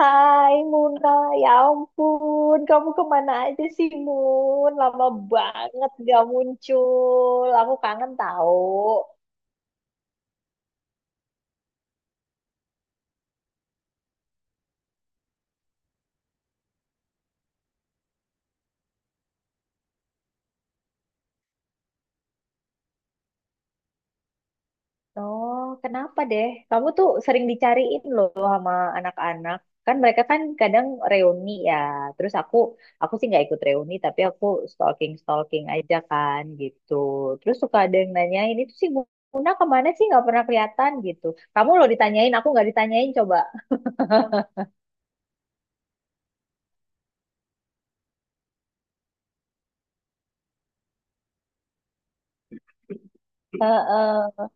Hai Muna, ya ampun, kamu kemana aja sih Mun? Lama banget gak muncul, aku kangen tahu. Oh, kenapa deh? Kamu tuh sering dicariin loh sama anak-anak. Kan mereka kan kadang reuni ya. Terus aku sih nggak ikut reuni, tapi aku stalking-stalking aja kan gitu. Terus suka ada yang nanyain, itu sih Muna kemana sih nggak pernah kelihatan gitu. Kamu loh ditanyain, aku nggak ditanyain coba. Heeh.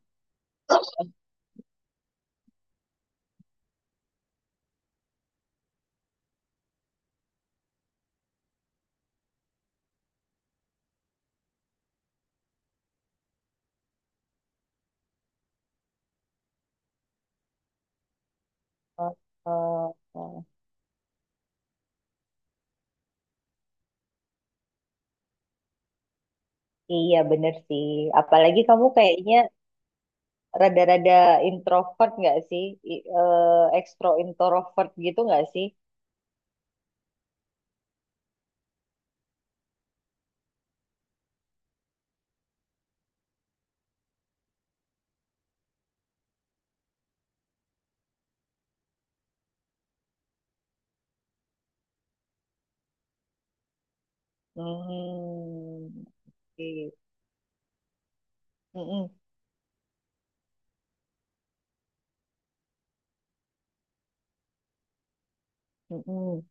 Oh, oh, oh. Iya bener sih. Apalagi kamu kayaknya rada-rada introvert nggak sih? Ekstro introvert gitu nggak sih? Hmm. Oke. Mm-mm, mm-mm,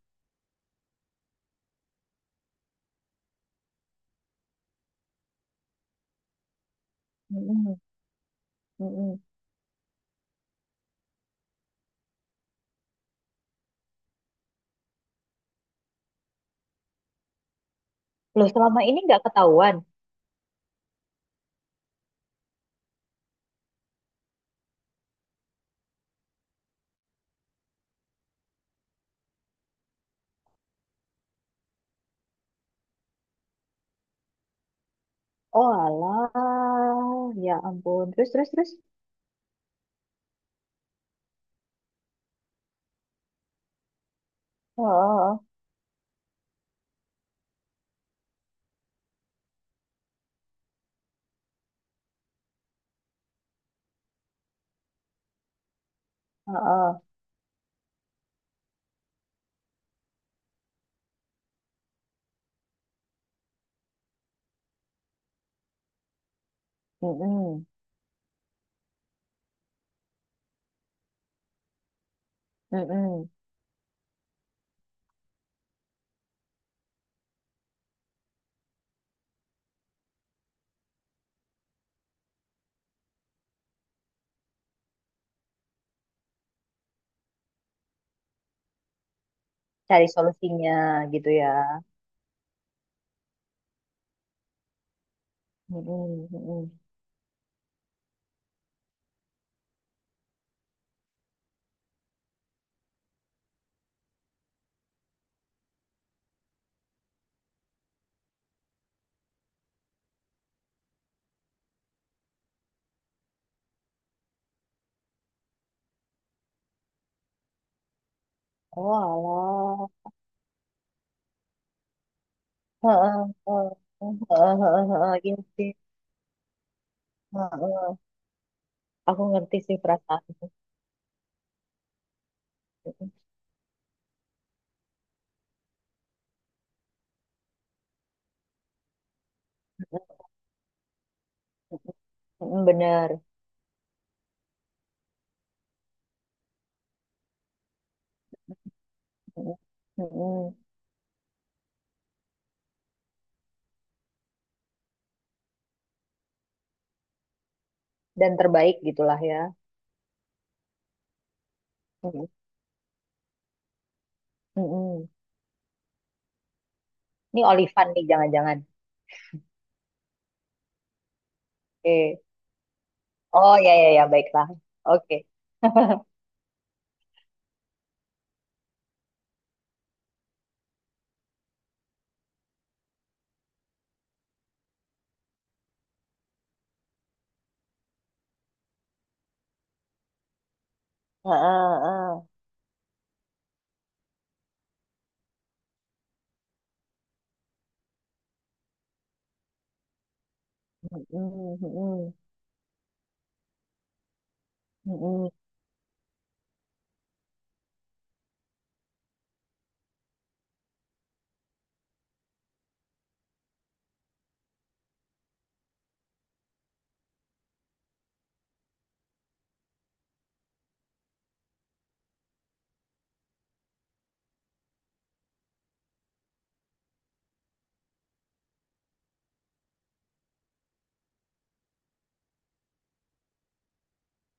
mm-mm, mm-mm. Loh selama ini nggak ketahuan? Oh alah, ya ampun. Terus terus terus. Oh, oh, oh, oh, oh. Mm-mm, mm-mm. Cari solusinya gitu ya. Mm-mm, mm-mm. Oh alah. Heeh, heeh, heeh, heeh, heeh, iya sih. Heeh. Aku ngerti sih perasaan. Mm, bener. Mm, mm. Dan terbaik gitulah ya. Mm, mm. Ini Olivan nih, jangan-jangan. Oke. Oh ya ya ya, baiklah. Oke. Heeh, heeh. Mm, mm, mm, mm, mm.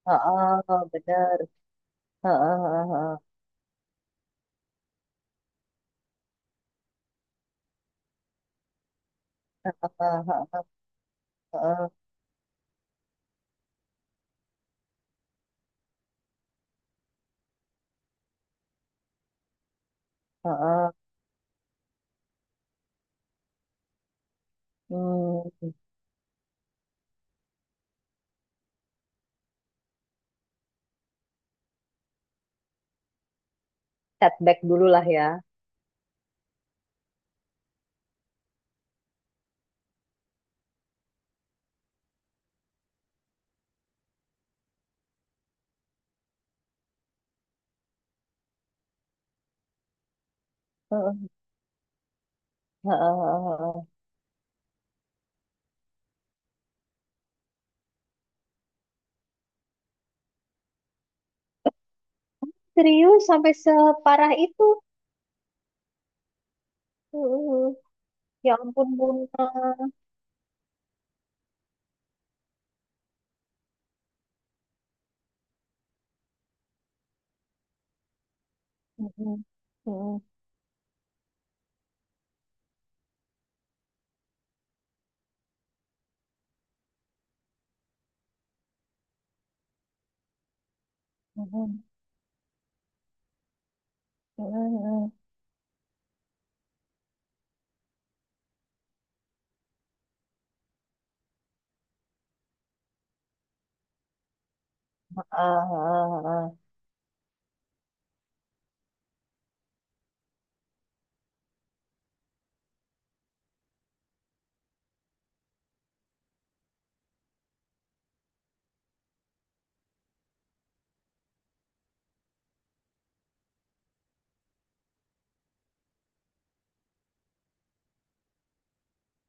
Heeh, bener. Heeh, heeh, heeh, heeh, heeh, heeh, heeh. Hmm, setback dulu lah ya. Heeh, heeh, heeh, heeh. Serius sampai separah itu. Mm-mm. Ya ampun Bunda. Mm-mm. Mm-mm. Mm-mm. Mm-mm. Ah, ah, ah.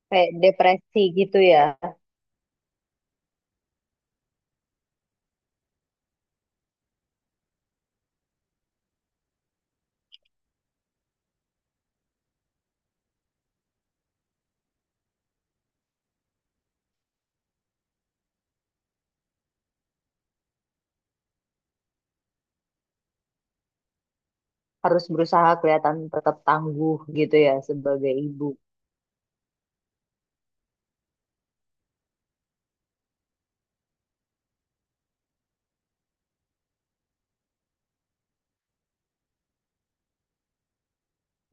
Kayak depresi gitu ya. Harus berusaha kelihatan tetap tangguh gitu ya sebagai ibu.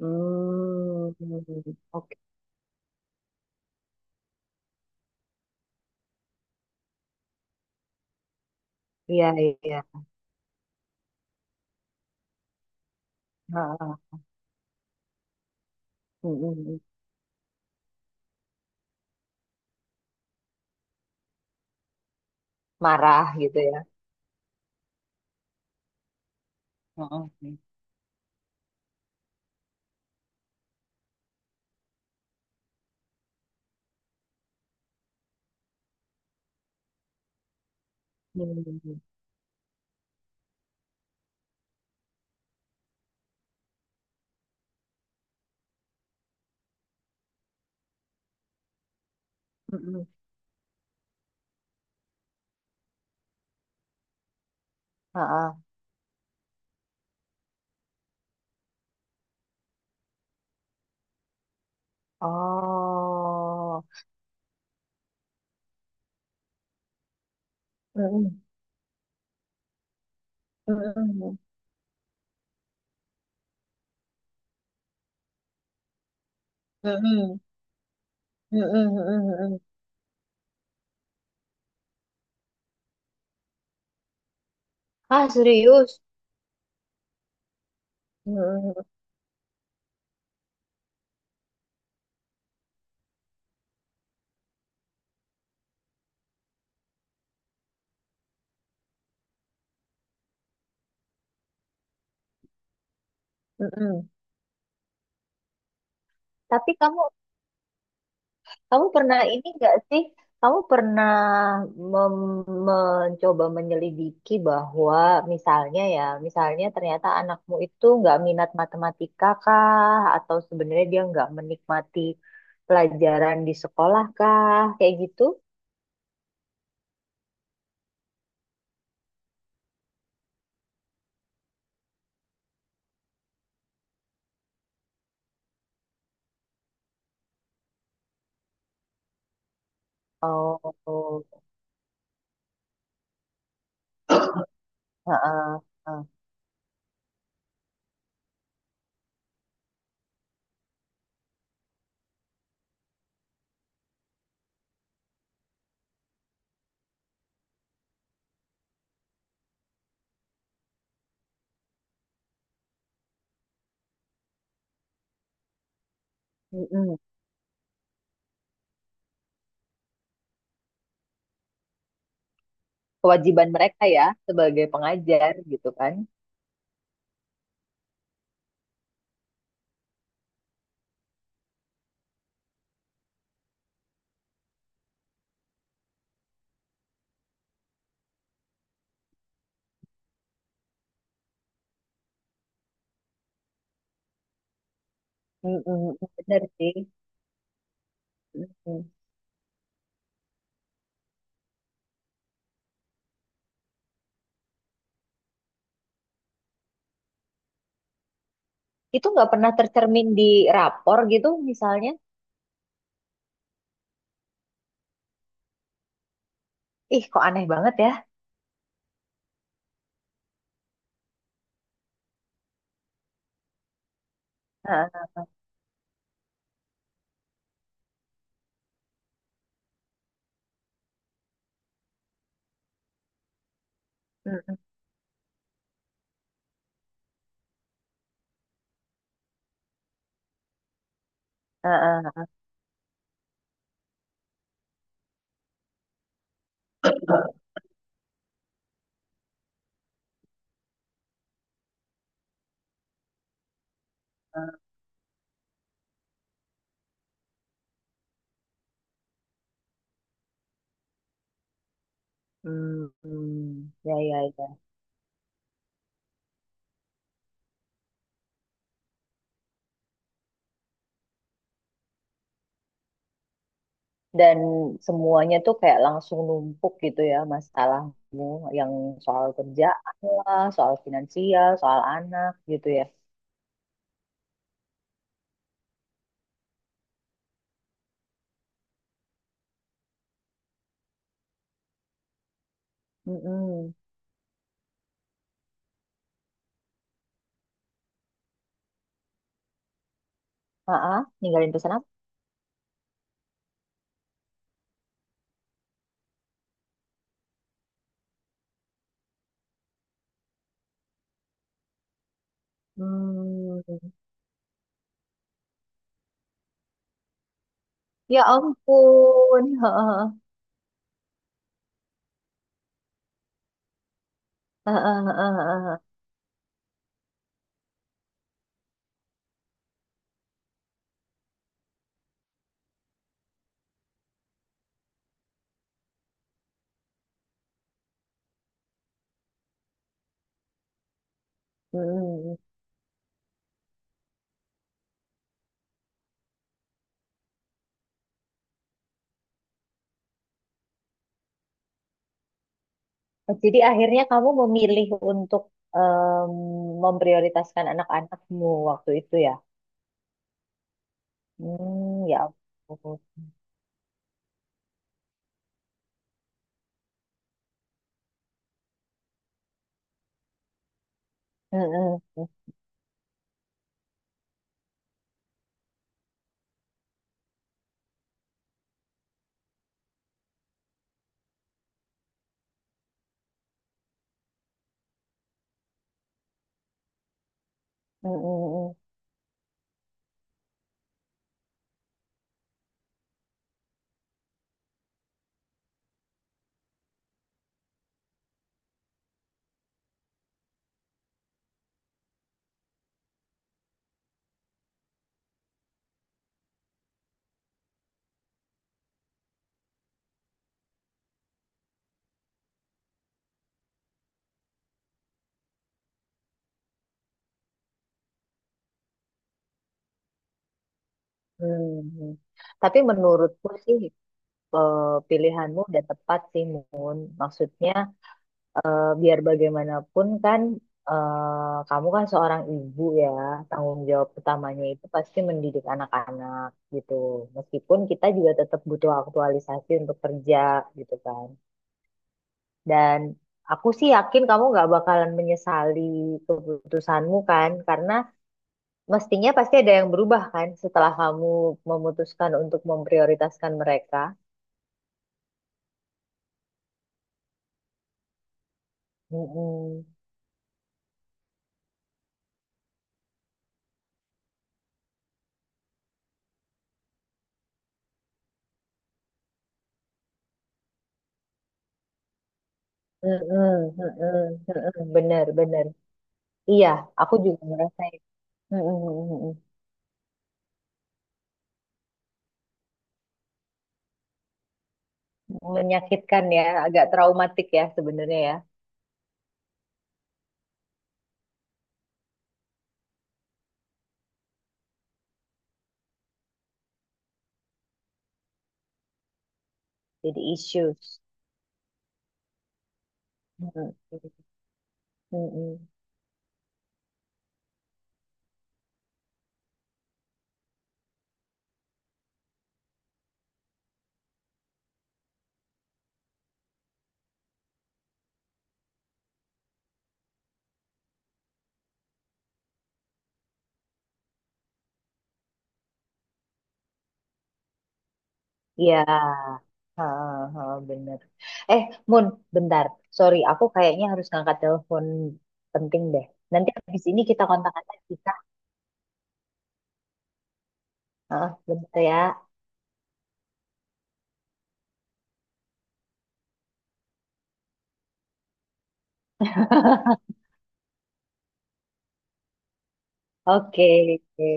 Hmm. Oke. Iya, iya. Ah, ah. Mm-mm. Marah gitu ya. Mm-mm. Mm-mm. Mm-mm. Ah, ah. Oh. Mm-mm. Mm-mm. Mm-mm. Mm-mm, mm-mm, mm-mm. Ah, serius? Mm-mm, mm-mm. Tapi kamu kamu pernah ini nggak sih? Kamu pernah mencoba menyelidiki bahwa misalnya ya, misalnya ternyata anakmu itu nggak minat matematika kah? Atau sebenarnya dia nggak menikmati pelajaran di sekolah kah? Kayak gitu? Oh, oh, heeh, heeh. Mm-mm. Kewajiban mereka ya sebagai pengajar gitu kan? Mm-mm, bener sih. Mm. Itu nggak pernah tercermin di rapor gitu misalnya. Ih, kok aneh banget ya. Heeh, mm, heeh, heeh. Hmm, ya, ya, ya. Dan semuanya tuh kayak langsung numpuk gitu ya masalahmu yang soal kerjaan lah, soal finansial, soal anak gitu ya. Mm-mm. Heeh, ninggalin pesan apa? Hmm, ya ampun. Heeh, heeh, heeh, heeh, heeh. Mm-mm. Oh, jadi akhirnya kamu memilih untuk em, memprioritaskan anak-anakmu waktu itu ya? Hmm, ya. Ampun. Mm, mm, mm, mm, mm, mm, mm. Tapi menurutku sih eh, pilihanmu udah tepat sih, Mun. Maksudnya biar bagaimanapun kan kamu kan seorang ibu ya, tanggung jawab utamanya itu pasti mendidik anak-anak gitu. Meskipun kita juga tetap butuh aktualisasi untuk kerja gitu kan. Dan aku sih yakin kamu nggak bakalan menyesali keputusanmu kan, karena mestinya pasti ada yang berubah kan setelah kamu memutuskan untuk memprioritaskan mereka. Mm-mm. Mm-mm. Mm-mm. Mm-mm. Bener, bener. Iya, aku juga merasa menyakitkan ya, agak traumatik ya sebenarnya ya. Jadi issues. Mm-mm. Mm-mm. Iya. Ha, ha, bener. Eh, Mun, bentar. Sorry, aku kayaknya harus ngangkat telepon penting deh. Nanti habis ini kita kontak lagi kita. Ah, bentar ya. Oke, oke.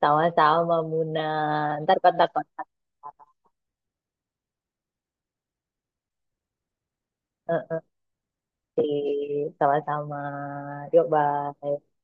Sama-sama, Muna. Ntar kontak-kontak. Eh, eh, oke, sama-sama. Yuk, bye.